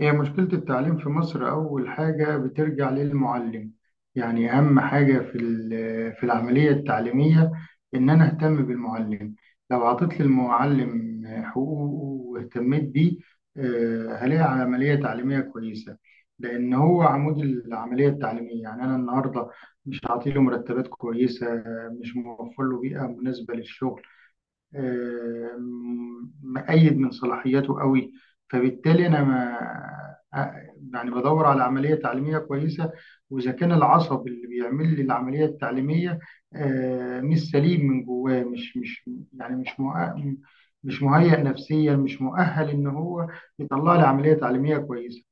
هي مشكلة التعليم في مصر أول حاجة بترجع للمعلم. يعني أهم حاجة في العملية التعليمية إن أنا أهتم بالمعلم. لو عطيت للمعلم حقوقه واهتميت بيه، هلاقي عملية تعليمية كويسة، لأن هو عمود العملية التعليمية. يعني أنا النهاردة مش عاطيله مرتبات كويسة، مش موفر له بيئة مناسبة للشغل، مأيد من صلاحياته قوي، فبالتالي أنا ما يعني بدور على عملية تعليمية كويسة. وإذا كان العصب اللي بيعمل لي العملية التعليمية مش سليم من جواه، مش يعني مش مهيأ نفسيا، مش مؤهل إن هو يطلع لي عملية تعليمية كويسة.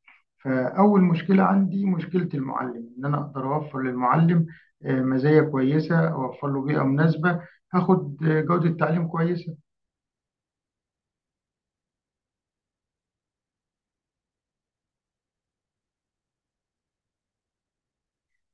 فأول مشكلة عندي مشكلة المعلم، إن أنا أقدر أوفر للمعلم مزايا كويسة، أوفر له بيئة مناسبة، هاخد جودة تعليم كويسة.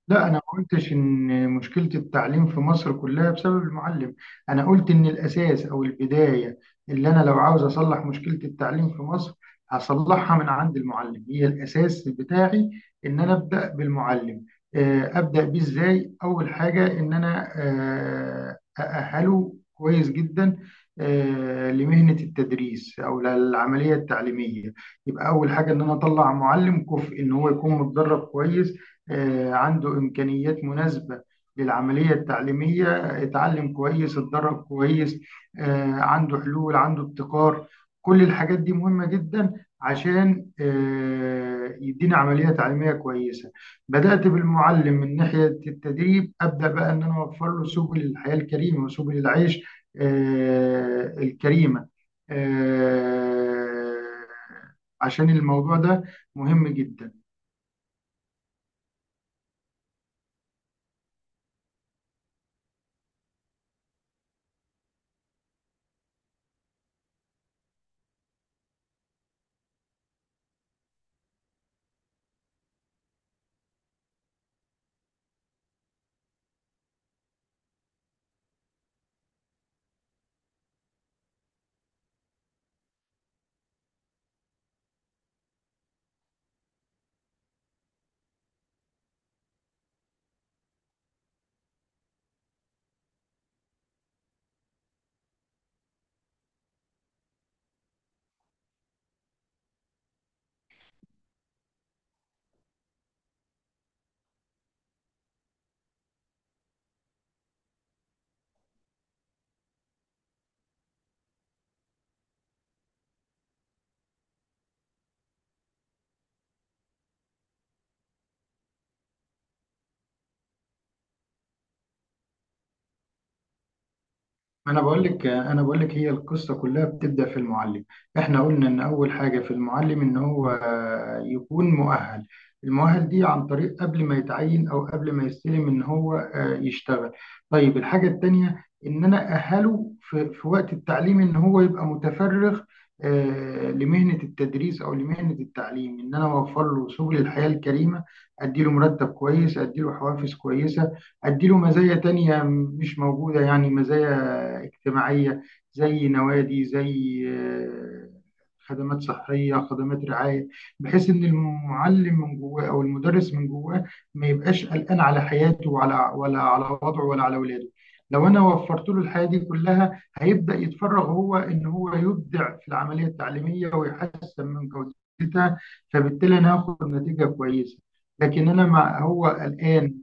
لا، أنا ما قلتش إن مشكلة التعليم في مصر كلها بسبب المعلم، أنا قلت إن الأساس أو البداية اللي أنا لو عاوز أصلح مشكلة التعليم في مصر هصلحها من عند المعلم، هي الأساس بتاعي إن أنا أبدأ بالمعلم، أبدأ بيه إزاي؟ أول حاجة إن أنا أأهله كويس جدا لمهنة التدريس أو للعملية التعليمية. يبقى أول حاجة إن أنا أطلع معلم كفء، إن هو يكون متدرب كويس، عنده إمكانيات مناسبة للعملية التعليمية، اتعلم كويس اتدرب كويس، عنده حلول عنده ابتكار. كل الحاجات دي مهمة جدا عشان يدينا عملية تعليمية كويسة. بدأت بالمعلم من ناحية التدريب، أبدأ بقى إن أنا أوفر له سبل الحياة الكريمة وسبل العيش الكريمة، آه، عشان الموضوع ده مهم جدا. انا بقول لك، هي القصه كلها بتبدا في المعلم. احنا قلنا ان اول حاجه في المعلم ان هو يكون مؤهل. المؤهل دي عن طريق قبل ما يتعين او قبل ما يستلم ان هو يشتغل. طيب الحاجه التانيه ان انا اهله في وقت التعليم ان هو يبقى متفرغ لمهنه التدريس او لمهنه التعليم، ان انا اوفر له سبل الحياه الكريمه، ادي له مرتب كويس ادي له حوافز كويسه، أديله مزايا تانية مش موجودة، يعني مزايا اجتماعية زي نوادي، زي خدمات صحية خدمات رعاية، بحيث إن المعلم من جواه أو المدرس من جواه ما يبقاش قلقان على حياته ولا على وضعه ولا على ولاده. لو أنا وفرت له الحياة دي كلها هيبدأ يتفرغ هو إن هو يبدع في العملية التعليمية ويحسن من جودتها، فبالتالي أنا هاخد نتيجة كويسة. لكن أنا ما هو قلقان.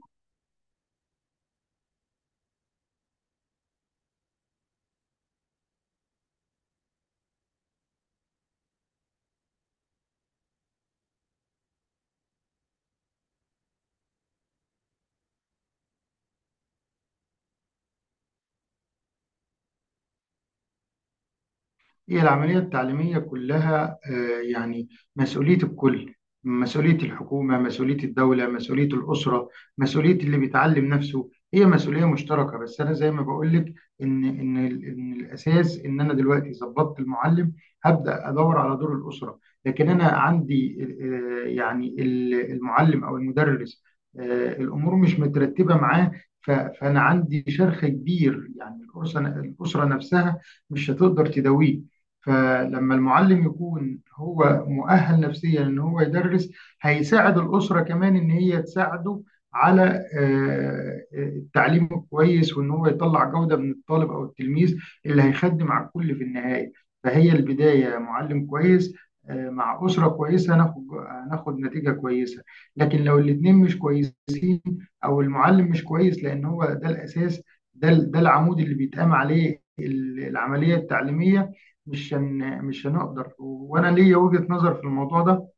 هي العملية التعليمية كلها يعني مسؤولية الكل، مسؤولية الحكومة مسؤولية الدولة مسؤولية الأسرة مسؤولية اللي بيتعلم نفسه، هي مسؤولية مشتركة، بس أنا زي ما بقولك إن الأساس إن أنا دلوقتي ظبطت المعلم، هبدأ أدور على دور الأسرة. لكن أنا عندي يعني المعلم أو المدرس الأمور مش مترتبة معاه، فأنا عندي شرخ كبير، يعني الأسرة نفسها مش هتقدر تداويه. فلما المعلم يكون هو مؤهل نفسيا ان هو يدرس، هيساعد الاسره كمان ان هي تساعده على التعليم الكويس وان هو يطلع جوده من الطالب او التلميذ اللي هيخدم على الكل في النهايه. فهي البدايه معلم كويس مع اسره كويسه، ناخد نتيجه كويسه. لكن لو الاثنين مش كويسين او المعلم مش كويس لان هو ده الاساس، ده العمود اللي بيتقام عليه العمليه التعليميه. مش هنقدر، وانا ليا وجهة نظر في الموضوع ده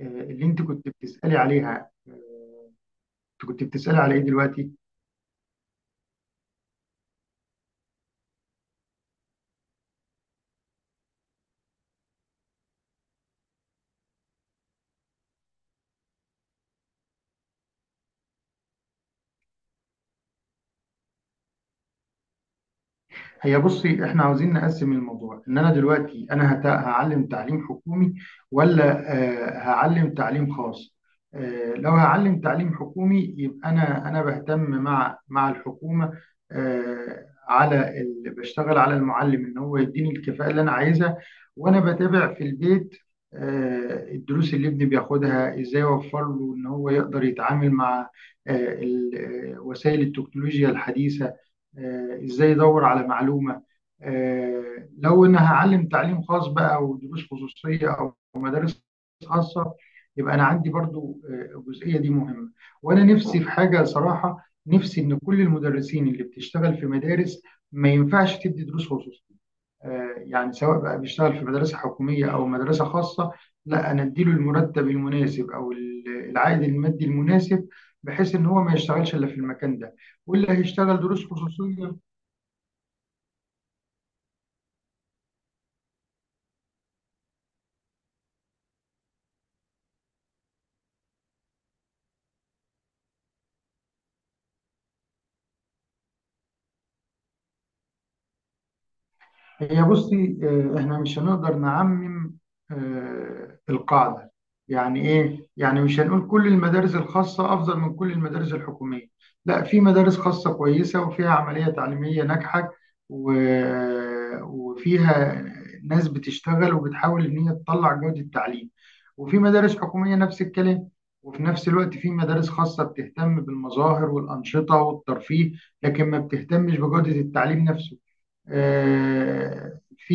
اللي انت كنت بتسألي عليها. انت كنت بتسألي على ايه دلوقتي؟ هي بصي، احنا عاوزين نقسم الموضوع، ان انا دلوقتي انا هعلم تعليم حكومي ولا هعلم تعليم خاص. لو هعلم تعليم حكومي يبقى انا بهتم مع الحكومة، بشتغل على المعلم ان هو يديني الكفاءة اللي انا عايزها، وانا بتابع في البيت الدروس اللي ابني بياخدها، ازاي اوفر له ان هو يقدر يتعامل مع آه، ال- وسائل التكنولوجيا الحديثة، ازاي يدور على معلومة. لو ان هعلم تعليم خاص بقى او دروس خصوصية او مدارس خاصة، يبقى انا عندي برضو الجزئية دي مهمة. وانا نفسي في حاجة صراحة، نفسي ان كل المدرسين اللي بتشتغل في مدارس ما ينفعش تدي دروس خصوصية، يعني سواء بقى بيشتغل في مدرسة حكومية او مدرسة خاصة، لا، انا اديله المرتب المناسب او العائد المادي المناسب بحيث ان هو ما يشتغلش الا في المكان ده، واللي هيشتغل دروس خصوصيه. هي بصي احنا مش هنقدر نعمم القاعدة، يعني ايه، يعني مش هنقول كل المدارس الخاصة افضل من كل المدارس الحكومية. لا، في مدارس خاصة كويسة وفيها عملية تعليمية ناجحة وفيها ناس بتشتغل وبتحاول ان هي تطلع جودة التعليم. وفي مدارس حكومية نفس الكلام. وفي نفس الوقت في مدارس خاصة بتهتم بالمظاهر والأنشطة والترفيه، لكن ما بتهتمش بجودة التعليم نفسه. آه، في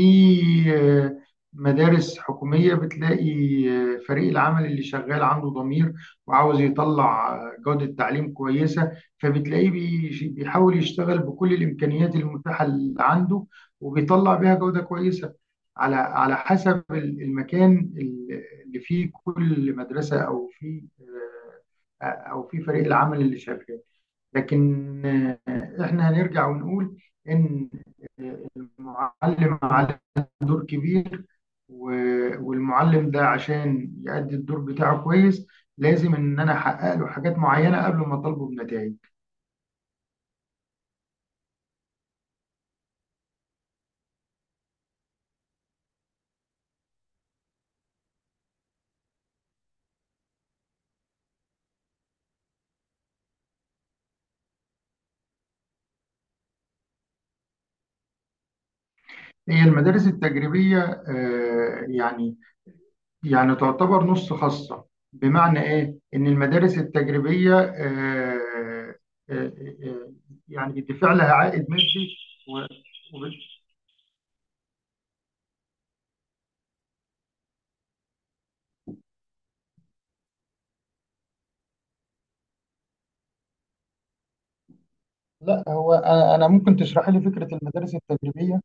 آه، مدارس حكومية بتلاقي فريق العمل اللي شغال عنده ضمير، وعاوز يطلع جودة تعليم كويسة، فبتلاقيه بيحاول يشتغل بكل الإمكانيات المتاحة اللي عنده وبيطلع بيها جودة كويسة، على حسب المكان اللي فيه كل مدرسة أو فيه فريق العمل اللي شغال. لكن احنا هنرجع ونقول ان المعلم عليه دور كبير، والمعلم ده عشان يأدي الدور بتاعه كويس، لازم ان انا احقق له حاجات معينه قبل ما اطالبه بنتائج. هي المدارس التجريبيه آه، يعني يعني تعتبر نص خاصه. بمعنى ايه ان المدارس التجريبيه آه، آه، يعني بيدفع لها عائد مادي و- وب- لا، هو انا ممكن تشرحي لي فكره المدارس التجريبيه؟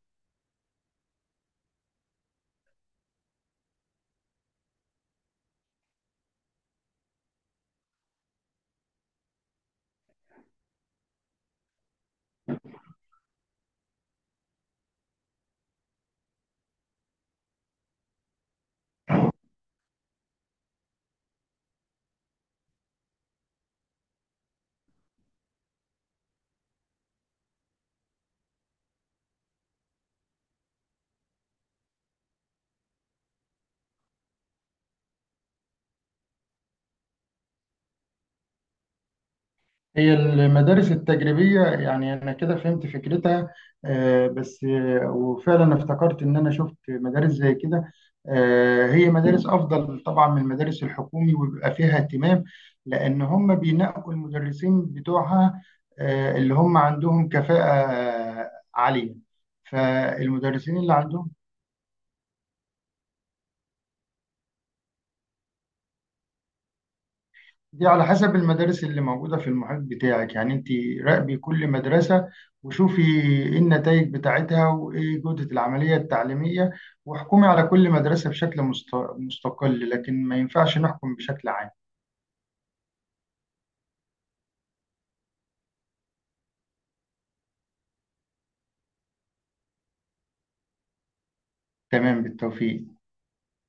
هي المدارس التجريبية يعني أنا كده فهمت فكرتها، بس وفعلا افتكرت إن أنا شفت مدارس زي كده، هي مدارس أفضل طبعا من المدارس الحكومي وبيبقى فيها اهتمام، لأن هم بينقوا المدرسين بتوعها اللي هم عندهم كفاءة عالية. فالمدرسين اللي عندهم، دي على حسب المدارس اللي موجودة في المحيط بتاعك، يعني انت راقبي كل مدرسة وشوفي ايه النتائج بتاعتها وايه جودة العملية التعليمية، واحكمي على كل مدرسة بشكل مستقل، لكن ما ينفعش نحكم بشكل عام. تمام، بالتوفيق.